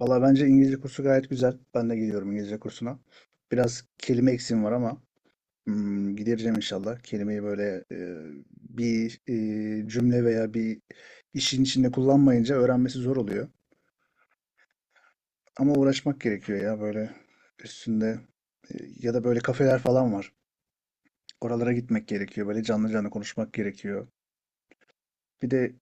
Valla bence İngilizce kursu gayet güzel. Ben de gidiyorum İngilizce kursuna. Biraz kelime eksiğim var ama gidereceğim inşallah. Kelimeyi böyle bir cümle veya bir işin içinde kullanmayınca öğrenmesi zor oluyor. Ama uğraşmak gerekiyor ya, böyle üstünde, e, ya da böyle kafeler falan var. Oralara gitmek gerekiyor. Böyle canlı canlı konuşmak gerekiyor. Bir de.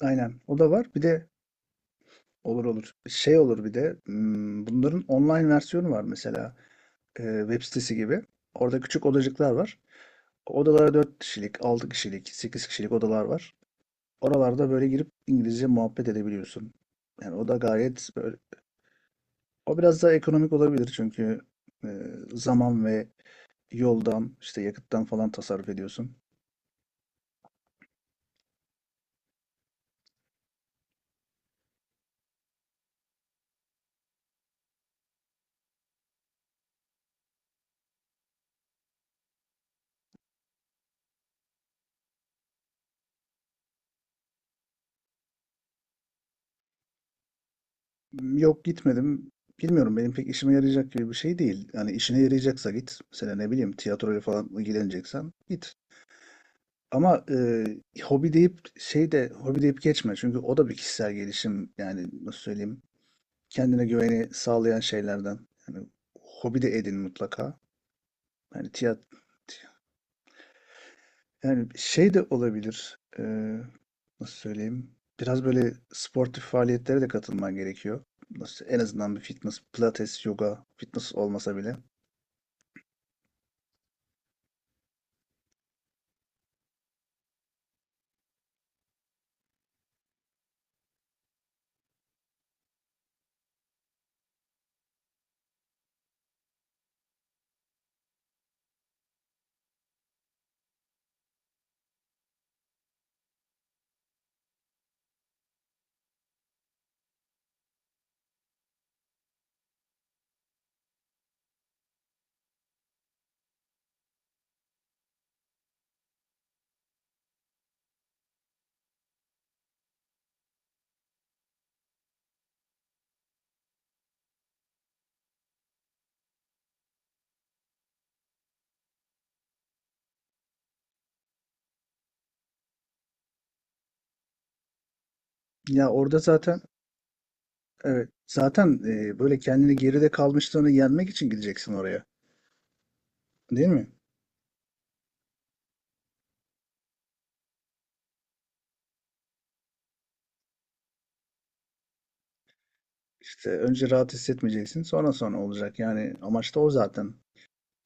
Aynen. O da var. Bir de. Olur olur. Şey olur bir de bunların online versiyonu var mesela. Web sitesi gibi. Orada küçük odacıklar var. Odalara 4 kişilik, 6 kişilik, 8 kişilik odalar var. Oralarda böyle girip İngilizce muhabbet edebiliyorsun. Yani o da gayet böyle. O biraz daha ekonomik olabilir çünkü e, zaman ve yoldan, işte yakıttan falan tasarruf ediyorsun. Yok, gitmedim. Bilmiyorum, benim pek işime yarayacak gibi bir şey değil. Yani işine yarayacaksa git. Mesela ne bileyim tiyatroyla falan ilgileneceksen git. Ama hobi deyip, şey de hobi deyip geçme. Çünkü o da bir kişisel gelişim, yani nasıl söyleyeyim. Kendine güveni sağlayan şeylerden. Yani hobi de edin mutlaka. Yani tiyat Yani şey de olabilir. Nasıl söyleyeyim? Biraz böyle sportif faaliyetlere de katılman gerekiyor. Nasıl, en azından bir fitness, pilates, yoga, fitness olmasa bile. Ya, orada zaten, evet, zaten böyle kendini, geride kalmışlığını yenmek için gideceksin oraya. Değil mi? İşte önce rahat hissetmeyeceksin, sonra sonra olacak. Yani amaç da o zaten.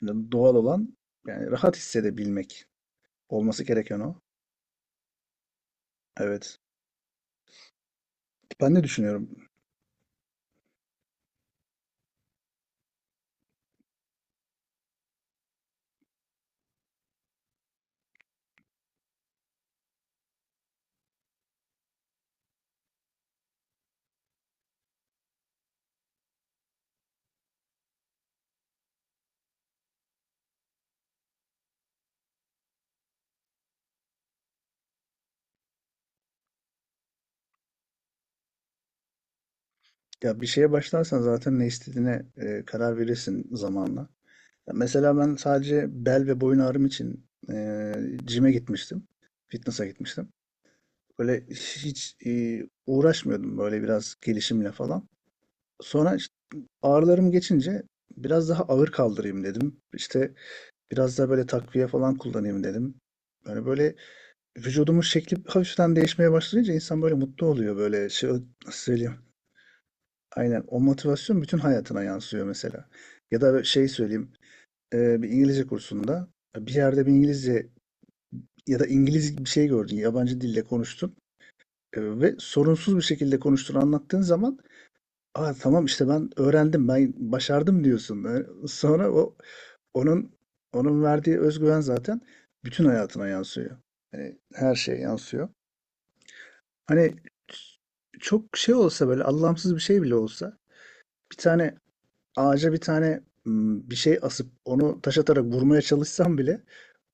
Yani doğal olan, yani rahat hissedebilmek, olması gereken o. Evet. Ben de düşünüyorum. Ya bir şeye başlarsan zaten ne istediğine karar verirsin zamanla. Ya mesela ben sadece bel ve boyun ağrım için e, gym'e gitmiştim. Fitness'a gitmiştim. Böyle hiç uğraşmıyordum, böyle biraz gelişimle falan. Sonra işte ağrılarım geçince biraz daha ağır kaldırayım dedim. İşte biraz daha böyle takviye falan kullanayım dedim. Yani böyle vücudumun şekli hafiften değişmeye başlayınca insan böyle mutlu oluyor, böyle şey, nasıl söyleyeyim. Aynen. O motivasyon bütün hayatına yansıyor mesela. Ya da şey söyleyeyim. Bir İngilizce kursunda, bir yerde bir İngilizce ya da İngiliz bir şey gördün. Yabancı dille konuştun. Ve sorunsuz bir şekilde konuştuğunu anlattığın zaman, aa, tamam işte, ben öğrendim, ben başardım diyorsun. Sonra o, onun onun verdiği özgüven zaten bütün hayatına yansıyor. Yani her şeye yansıyor. Hani çok şey olsa, böyle anlamsız bir şey bile olsa, bir tane ağaca bir tane bir şey asıp onu taş atarak vurmaya çalışsam bile,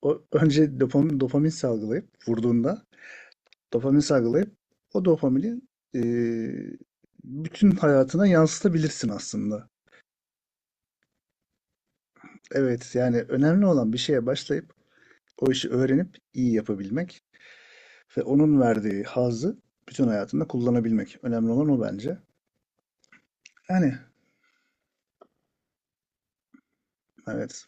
o önce dopamin, dopamin salgılayıp, vurduğunda dopamin salgılayıp, o dopamini e, bütün hayatına yansıtabilirsin aslında. Evet, yani önemli olan bir şeye başlayıp o işi öğrenip iyi yapabilmek ve onun verdiği hazzı bütün hayatında kullanabilmek. Önemli olan o bence. Yani evet.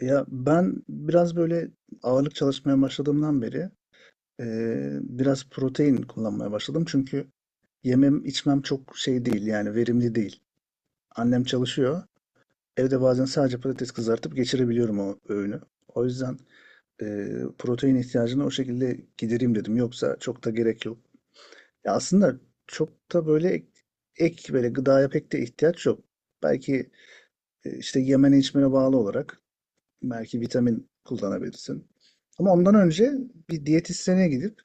Ya ben biraz böyle ağırlık çalışmaya başladığımdan beri, biraz protein kullanmaya başladım, çünkü yemem içmem çok şey değil, yani verimli değil. Annem çalışıyor. Evde bazen sadece patates kızartıp geçirebiliyorum o öğünü. O yüzden e, protein ihtiyacını o şekilde gidereyim dedim. Yoksa çok da gerek yok. Ya aslında çok da böyle ek böyle gıdaya pek de ihtiyaç yok. Belki işte yemene içmene bağlı olarak belki vitamin kullanabilirsin. Ama ondan önce bir diyetisyene gidip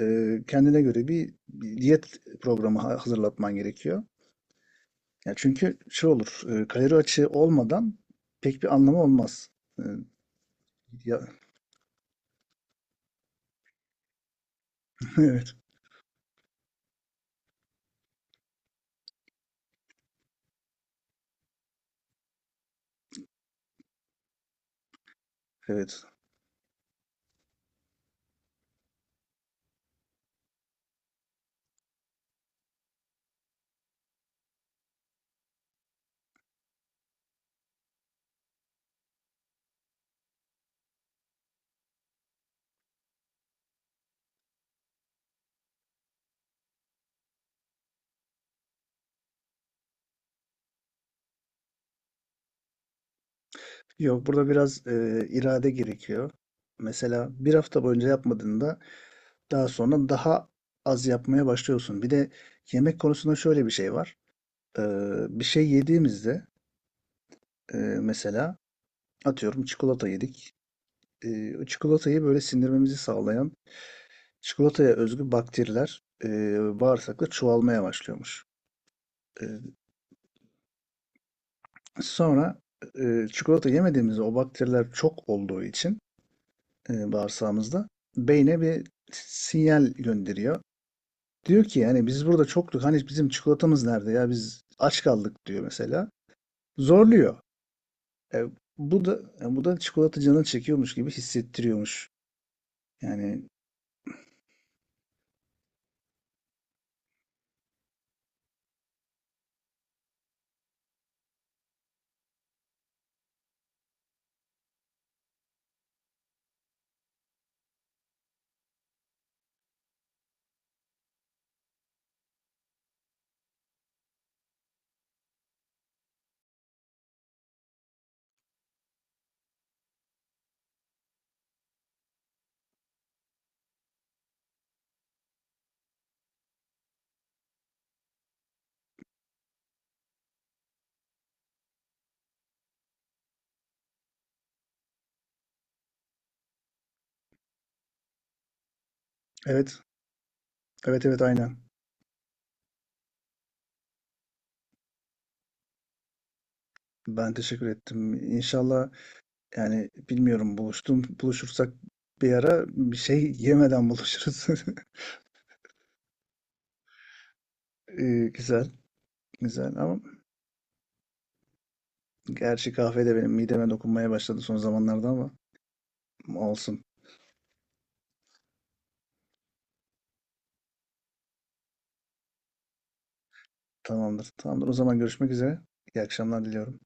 kendine göre bir diyet programı hazırlatman gerekiyor. Ya, çünkü şey olur, kalori açığı olmadan pek bir anlamı olmaz. E, Ya, evet, evet. Yok, burada biraz irade gerekiyor. Mesela bir hafta boyunca yapmadığında, daha sonra daha az yapmaya başlıyorsun. Bir de yemek konusunda şöyle bir şey var. E, bir şey yediğimizde, mesela, atıyorum, çikolata yedik. O çikolatayı böyle sindirmemizi sağlayan çikolataya özgü bakteriler bağırsakta çoğalmaya başlıyormuş. E, sonra çikolata yemediğimizde, o bakteriler çok olduğu için bağırsağımızda beyne bir sinyal gönderiyor. Diyor ki, yani biz burada çoktuk, hani bizim çikolatamız nerede ya, biz aç kaldık, diyor mesela. Zorluyor. E, bu da bu da çikolata canını çekiyormuş gibi hissettiriyormuş. Yani, evet, evet, evet, aynen. Ben teşekkür ettim. İnşallah, yani bilmiyorum, buluşursak bir ara bir şey yemeden buluşuruz. Güzel, güzel ama gerçi kahve de benim mideme dokunmaya başladı son zamanlarda, ama olsun. Tamamdır. Tamamdır. O zaman görüşmek üzere. İyi akşamlar diliyorum.